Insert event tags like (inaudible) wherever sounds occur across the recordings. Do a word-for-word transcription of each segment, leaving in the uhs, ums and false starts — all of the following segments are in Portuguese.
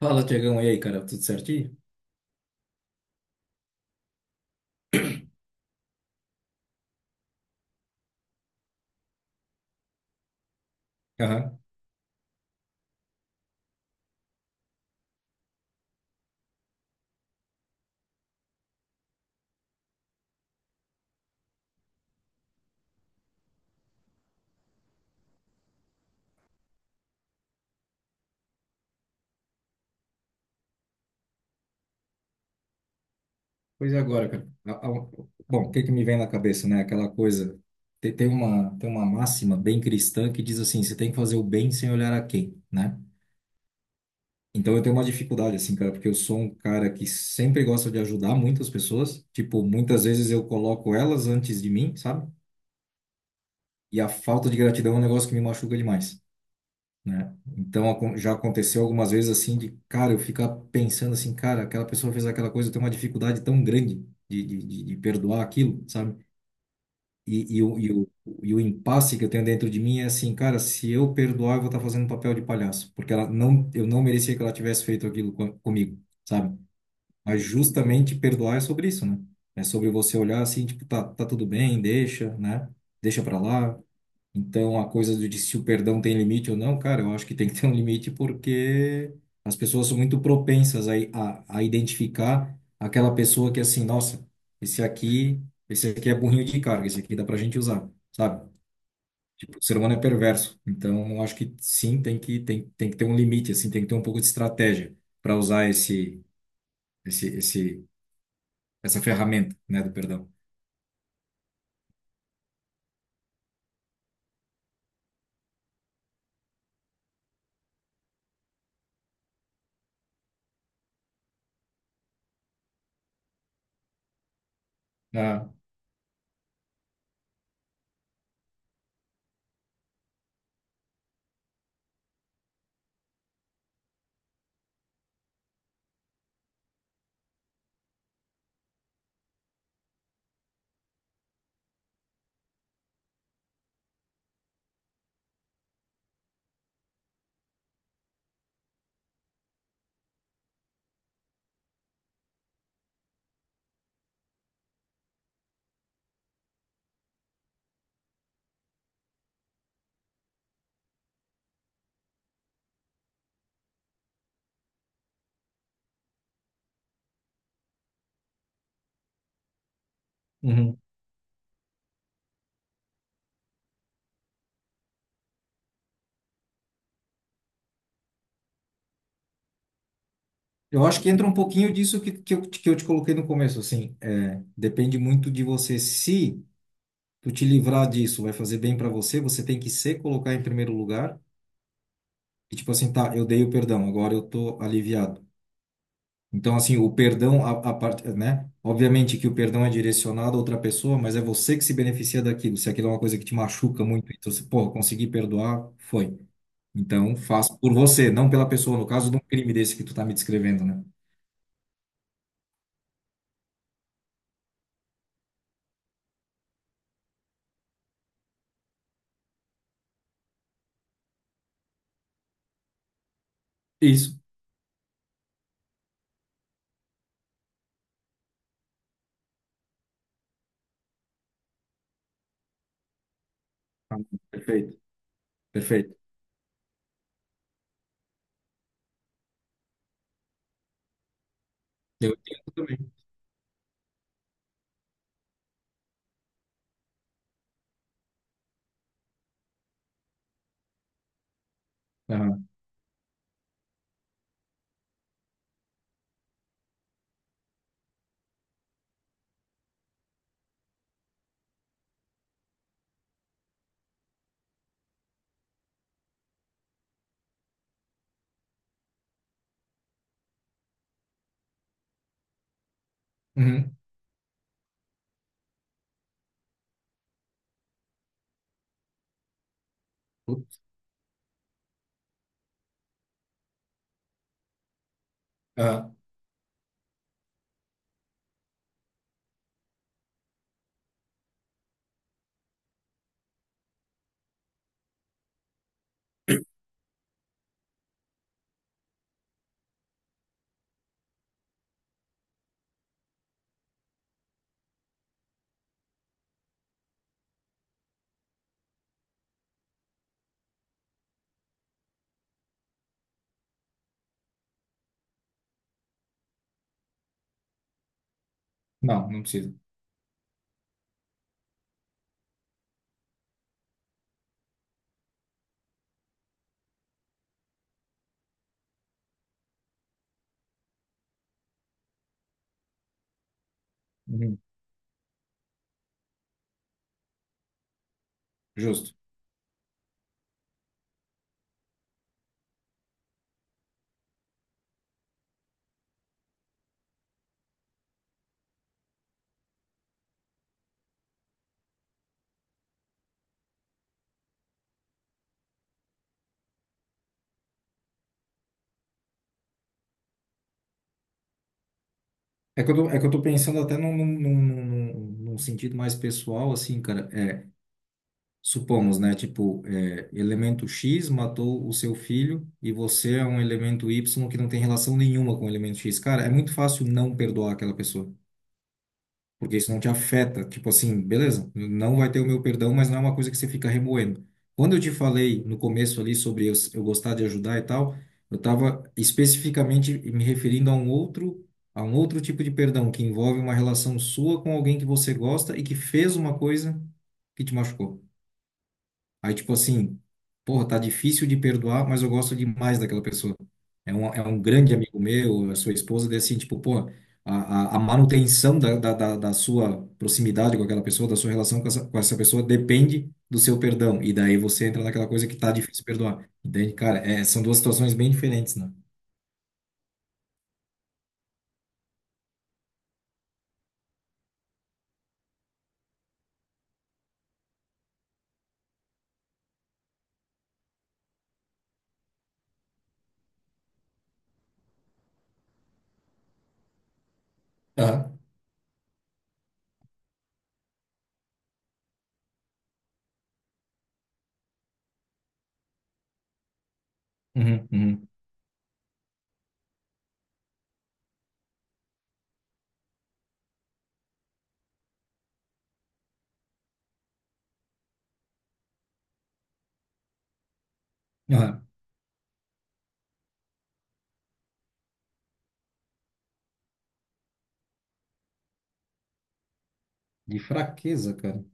Fala, Tiagão, e aí, cara, tudo certinho? Aham. Pois é, agora, cara. A- a- Bom, o que que me vem na cabeça, né? Aquela coisa. Tem, tem uma, tem uma máxima bem cristã que diz assim: você tem que fazer o bem sem olhar a quem, né? Então eu tenho uma dificuldade, assim, cara, porque eu sou um cara que sempre gosta de ajudar muitas pessoas. Tipo, muitas vezes eu coloco elas antes de mim, sabe? E a falta de gratidão é um negócio que me machuca demais, né? Então acon- já aconteceu algumas vezes assim de, cara, eu ficar pensando assim, cara, aquela pessoa fez aquela coisa, eu tenho uma dificuldade tão grande de, de, de, de perdoar aquilo, sabe? E, e, o, e, o, e o impasse que eu tenho dentro de mim é assim, cara, se eu perdoar, eu vou estar fazendo um papel de palhaço, porque ela não, eu não merecia que ela tivesse feito aquilo com comigo, sabe? Mas justamente perdoar é sobre isso, né? É sobre você olhar assim, tipo, tá, tá tudo bem, deixa, né? Deixa pra lá, então, a coisa do- de se o perdão tem limite ou não, cara, eu acho que tem que ter um limite porque as pessoas são muito propensas a, a, a identificar aquela pessoa que, é assim, nossa, esse aqui, esse aqui é burrinho de carga, esse aqui dá pra gente usar, sabe? Tipo, o ser humano é perverso. Então, eu acho que sim, tem que, tem, tem que ter um limite, assim, tem que ter um pouco de estratégia para usar esse, esse, esse, essa ferramenta, né, do perdão. Ah, uhum. Eu acho que entra um pouquinho disso que, que, eu, te- que eu te coloquei no começo, assim, é, depende muito de você. Se tu te livrar disso, vai fazer bem para você, você tem que se colocar em primeiro lugar e tipo assim, tá, eu dei o perdão, agora eu tô aliviado. Então, assim, o perdão, a, a parte, né? Obviamente que o perdão é direcionado a outra pessoa, mas é você que se beneficia daquilo. Se aquilo é uma coisa que te machuca muito, então, se, pô, consegui perdoar, foi. Então, faz por você, não pela pessoa, no caso de um crime desse que tu tá me descrevendo, né? Isso. Tá. Perfeito. Perfeito. Eu entendo também. Aham. Uhum. Putz. Aham. Não, não precisa. Uhum. Justo. É que eu tô, é que eu tô pensando até num, num, num, num- num sentido mais pessoal, assim, cara. É, supomos, né? Tipo, é, elemento X matou o seu filho e você é um elemento Y que não tem relação nenhuma com o elemento X. Cara, é muito fácil não perdoar aquela pessoa, porque isso não te afeta. Tipo assim, beleza, não vai ter o meu perdão, mas não é uma coisa que você fica remoendo. Quando eu te falei no começo ali sobre eu, eu gostar de ajudar e tal, eu estava especificamente me referindo a um outro, a um outro tipo de perdão que envolve uma relação sua com alguém que você gosta e que fez uma coisa que te machucou. Aí, tipo assim, porra, tá difícil de perdoar, mas eu gosto demais daquela pessoa. É um, é um grande amigo meu, a sua esposa, daí assim, tipo, porra, a a, a manutenção da, da, da, da sua proximidade com aquela pessoa, da sua relação com essa, com essa pessoa, depende do seu perdão. E daí você entra naquela coisa que tá difícil de perdoar. Entende? Cara, é, são duas situações bem diferentes, né? Aham. Uhum, uhum. Aham. De fraqueza, cara.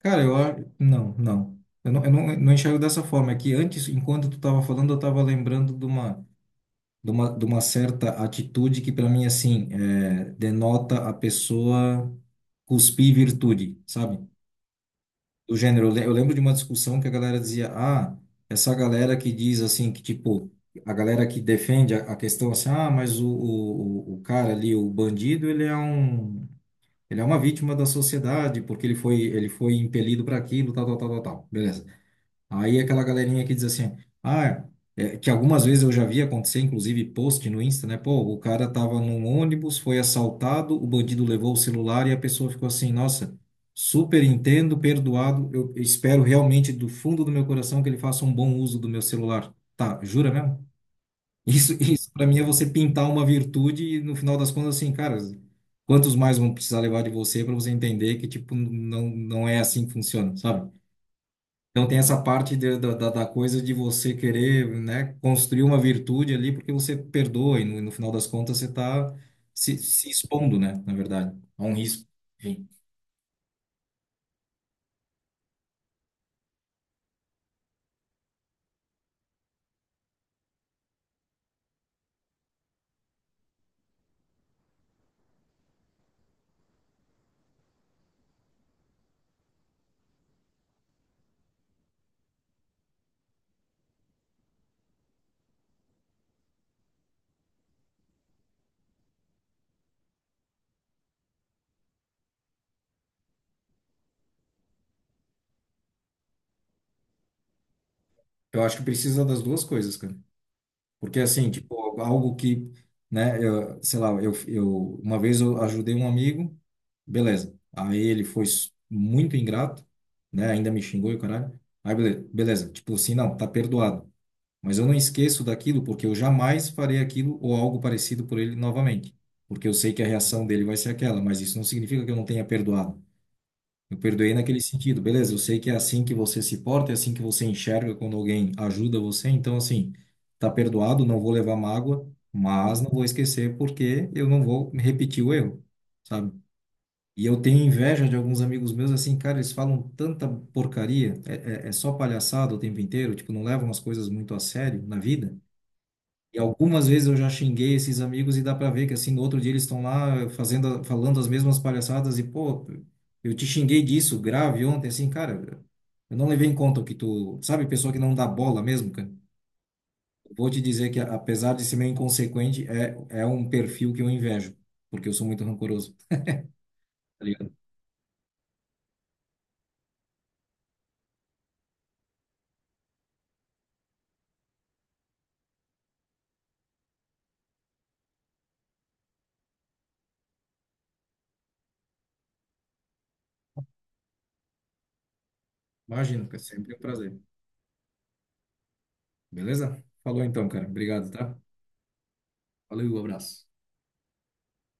Cara, eu acho. Não, não. Eu não, eu não, não enxergo dessa forma. É que antes, enquanto tu tava falando, eu tava lembrando de uma. de uma, de uma certa atitude que para mim assim é, denota a pessoa cuspir virtude, sabe? Do gênero, eu le- eu lembro de uma discussão que a galera dizia, ah, essa galera que diz assim que tipo a galera que defende a, a questão assim, ah, mas o, o, o o cara ali, o bandido, ele é um ele é uma vítima da sociedade porque ele foi ele foi impelido para aquilo, tal, tal, tal, tal, tal. Beleza. Aí aquela galerinha que diz assim, ah, é, que algumas vezes eu já vi acontecer, inclusive post no Insta, né? Pô, o cara tava num ônibus, foi assaltado, o bandido levou o celular e a pessoa ficou assim, nossa, super entendo, perdoado, eu espero realmente do fundo do meu coração que ele faça um bom uso do meu celular. Tá, jura mesmo? Isso, (laughs) isso para mim é você pintar uma virtude e no final das contas assim, cara, quantos mais vão precisar levar de você para você entender que tipo não não é assim que funciona, sabe? Então tem essa parte de- da, da, da coisa de você querer, né, construir uma virtude ali porque você perdoa e no, no final das contas você está se, se expondo, né, na verdade, a um risco. Enfim, eu acho que precisa das duas coisas, cara. Porque assim, tipo, algo que, né, eu, sei lá, eu, eu uma vez eu ajudei um amigo, beleza. Aí ele foi s- muito ingrato, né, ainda me xingou e o caralho. Aí beleza, beleza, tipo assim, não, tá perdoado. Mas eu não esqueço daquilo porque eu jamais farei aquilo ou algo parecido por ele novamente. Porque eu sei que a reação dele vai ser aquela, mas isso não significa que eu não tenha perdoado. Eu perdoei naquele sentido, beleza? Eu sei que é assim que você se porta, é assim que você enxerga quando alguém ajuda você. Então, assim, tá perdoado, não vou levar mágoa, mas não vou esquecer porque eu não vou repetir o erro, sabe? E eu tenho inveja de alguns amigos meus, assim, cara, eles falam tanta porcaria, é, é, é só palhaçada o tempo inteiro, tipo, não levam as coisas muito a sério na vida. E algumas vezes eu já xinguei esses amigos e dá para ver que assim no outro dia eles estão lá fazendo, falando as mesmas palhaçadas e pô, eu te xinguei disso grave ontem assim, cara, eu não levei em conta o que tu, sabe, pessoa que não dá bola mesmo, cara. Vou te dizer que apesar de ser meio inconsequente, é é um perfil que eu invejo, porque eu sou muito rancoroso, tá ligado? Imagino, que é sempre é um prazer. Beleza? Falou então, cara. Obrigado, tá? Valeu, abraço.